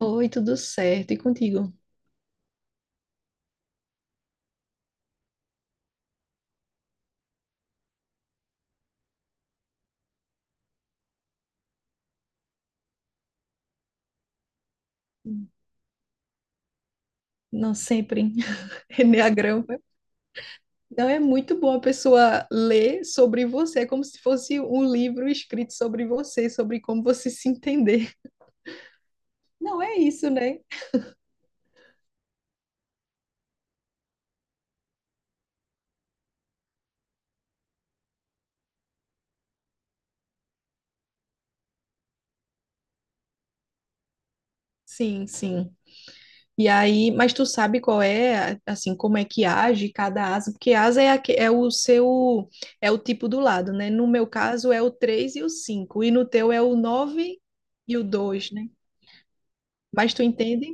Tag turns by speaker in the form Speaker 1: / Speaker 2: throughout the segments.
Speaker 1: Oi, tudo certo? E contigo? Não sempre. Eneagrama. Não é muito bom a pessoa ler sobre você, é como se fosse um livro escrito sobre você, sobre como você se entender. Não é isso, né? Sim, sim. E aí, mas tu sabe qual é, assim, como é que age cada asa? Porque asa é, é o seu, é o tipo do lado, né? No meu caso é o 3 e o 5 e no teu é o 9 e o 2, né? Mas tu entende?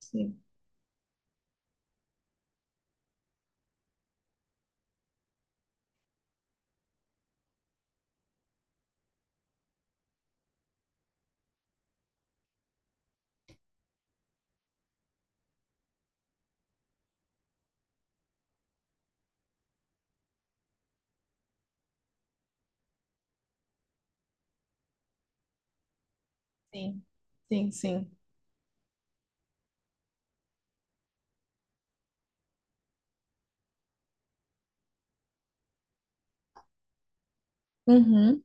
Speaker 1: Sim, sim, sim, sim. Uhum,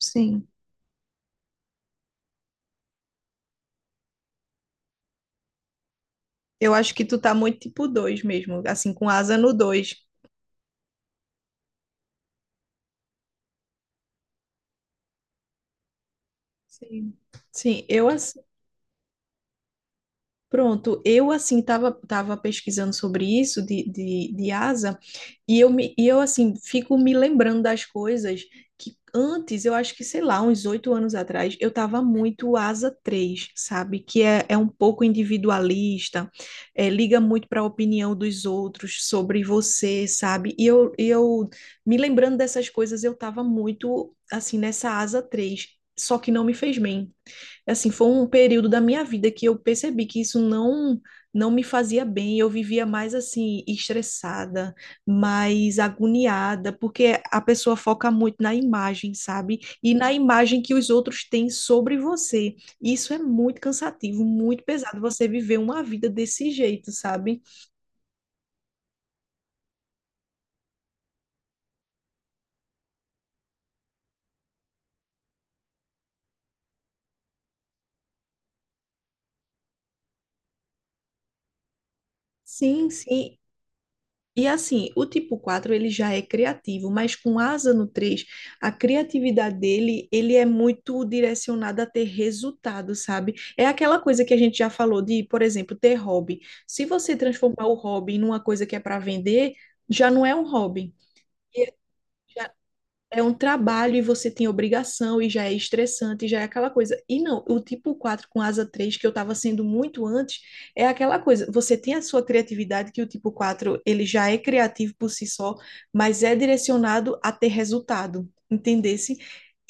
Speaker 1: sim. Eu acho que tu tá muito tipo 2 mesmo, assim, com asa no dois. Sim. Sim, eu, assim, pronto, eu assim tava, tava pesquisando sobre isso de asa e e eu assim fico me lembrando das coisas que antes, eu acho que sei lá, uns 8 anos atrás, eu tava muito asa três, sabe? Que é, é um pouco individualista, é, liga muito para a opinião dos outros sobre você, sabe? E eu me lembrando dessas coisas, eu tava muito assim nessa asa três, só que não me fez bem, assim, foi um período da minha vida que eu percebi que isso não me fazia bem, eu vivia mais assim estressada, mais agoniada, porque a pessoa foca muito na imagem, sabe? E na imagem que os outros têm sobre você. Isso é muito cansativo, muito pesado você viver uma vida desse jeito, sabe? Sim, sim. E assim, o tipo 4 ele já é criativo, mas com asa no três, a criatividade dele, ele é muito direcionada a ter resultado, sabe? É aquela coisa que a gente já falou de, por exemplo, ter hobby. Se você transformar o hobby numa coisa que é para vender, já não é um hobby, é um trabalho e você tem obrigação e já é estressante, e já é aquela coisa. E não, o tipo 4 com asa 3 que eu estava sendo muito antes, é aquela coisa. Você tem a sua criatividade, que o tipo 4 ele já é criativo por si só, mas é direcionado a ter resultado, entendesse?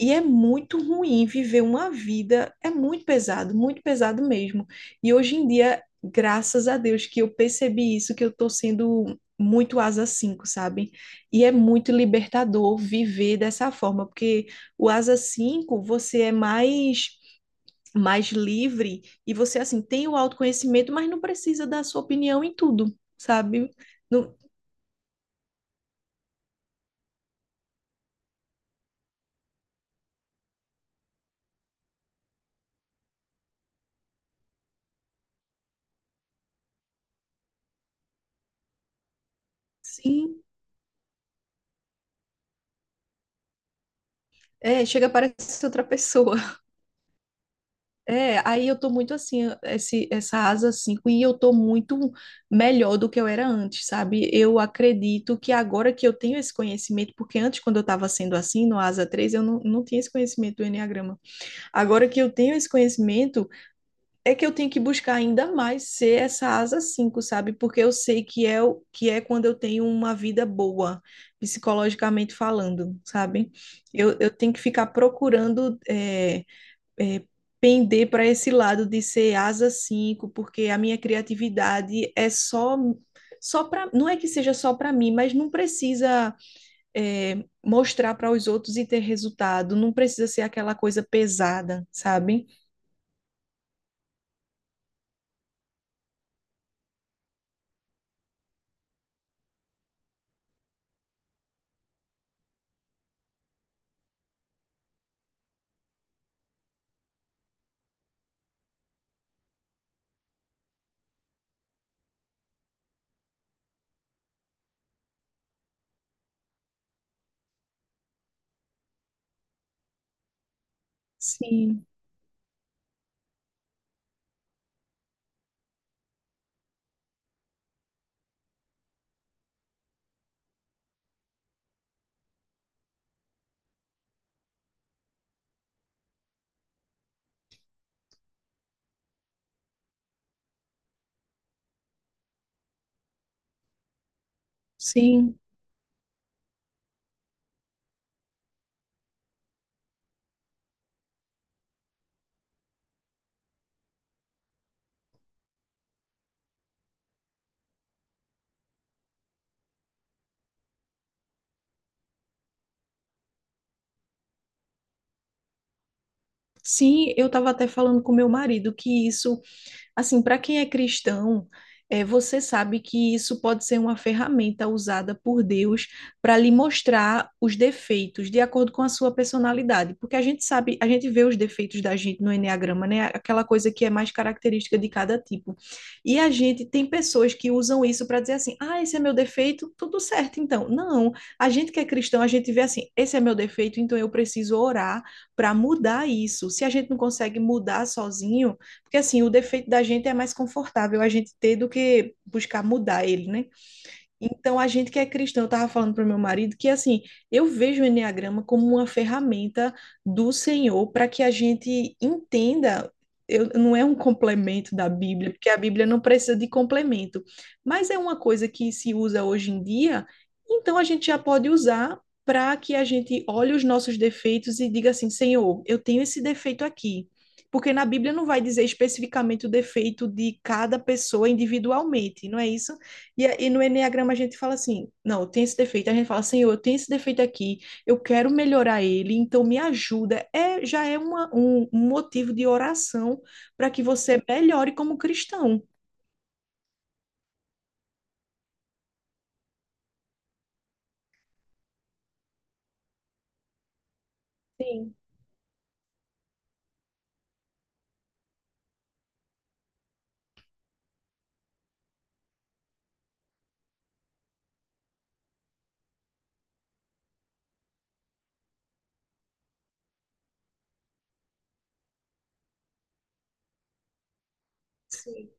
Speaker 1: E é muito ruim viver uma vida, é muito pesado mesmo. E hoje em dia, graças a Deus que eu percebi isso, que eu tô sendo muito asa cinco, sabe? E é muito libertador viver dessa forma, porque o asa 5 você é mais, mais livre e você assim tem o autoconhecimento, mas não precisa dar sua opinião em tudo, sabe? Não, sim, é, chega parece ser outra pessoa. É, aí eu tô muito assim, essa asa 5 e eu tô muito melhor do que eu era antes, sabe? Eu acredito que agora que eu tenho esse conhecimento, porque antes, quando eu tava sendo assim, no asa três, eu não tinha esse conhecimento do Enneagrama. Agora que eu tenho esse conhecimento, é que eu tenho que buscar ainda mais ser essa asa 5, sabe? Porque eu sei que é, que é quando eu tenho uma vida boa, psicologicamente falando, sabe? Eu tenho que ficar procurando é, pender para esse lado de ser asa 5, porque a minha criatividade é só. Só para, não é que seja só para mim, mas não precisa, é, mostrar para os outros e ter resultado, não precisa ser aquela coisa pesada, sabe? Sim, sim, sim. Eu estava até falando com meu marido que isso, assim, para quem é cristão, é, você sabe que isso pode ser uma ferramenta usada por Deus para lhe mostrar os defeitos de acordo com a sua personalidade, porque a gente sabe, a gente vê os defeitos da gente no enneagrama, né? Aquela coisa que é mais característica de cada tipo. E a gente tem pessoas que usam isso para dizer assim: "Ah, esse é meu defeito, tudo certo então". Não, a gente que é cristão, a gente vê assim: "Esse é meu defeito, então eu preciso orar para mudar isso". Se a gente não consegue mudar sozinho, porque assim, o defeito da gente é mais confortável a gente ter do que buscar mudar ele, né? Então, a gente que é cristão, eu estava falando para o meu marido que, assim, eu vejo o Enneagrama como uma ferramenta do Senhor para que a gente entenda. Eu, não é um complemento da Bíblia, porque a Bíblia não precisa de complemento, mas é uma coisa que se usa hoje em dia, então a gente já pode usar para que a gente olhe os nossos defeitos e diga assim: Senhor, eu tenho esse defeito aqui. Porque na Bíblia não vai dizer especificamente o defeito de cada pessoa individualmente, não é isso? E, e no Enneagrama a gente fala assim, não, eu tenho esse defeito. A gente fala, Senhor, eu tenho esse defeito aqui, eu quero melhorar ele, então me ajuda. É, já é um motivo de oração para que você melhore como cristão. Sim, sim.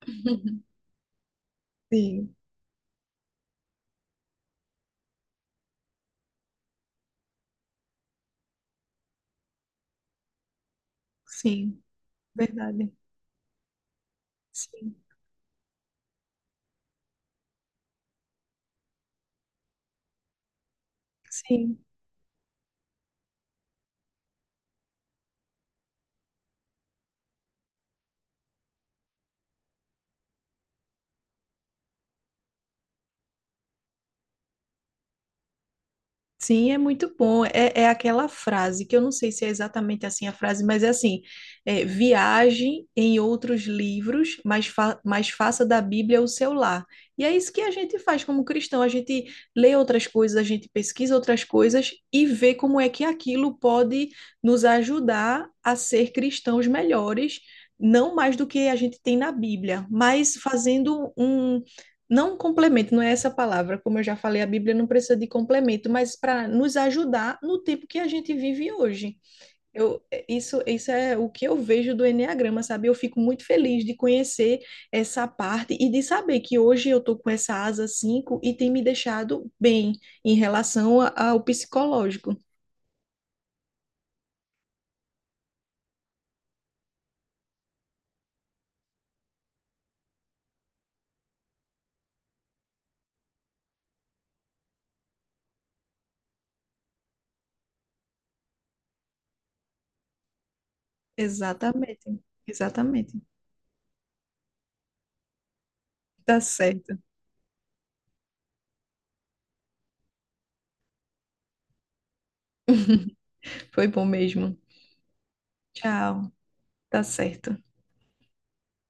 Speaker 1: Sim, sim, verdade. Sim, sim. Sim, é muito bom. É, é aquela frase que eu não sei se é exatamente assim a frase, mas é assim: é, viaje em outros livros, mas, fa mas faça da Bíblia o seu lar. E é isso que a gente faz como cristão: a gente lê outras coisas, a gente pesquisa outras coisas e vê como é que aquilo pode nos ajudar a ser cristãos melhores, não mais do que a gente tem na Bíblia, mas fazendo um não complemento, não é essa palavra, como eu já falei, a Bíblia não precisa de complemento, mas para nos ajudar no tempo que a gente vive hoje. Eu, é, isso é o que eu vejo do Enneagrama, sabe? Eu fico muito feliz de conhecer essa parte e de saber que hoje eu estou com essa asa 5 e tem me deixado bem em relação ao psicológico. Exatamente, exatamente. Tá certo. Foi bom mesmo. Tchau. Tá certo.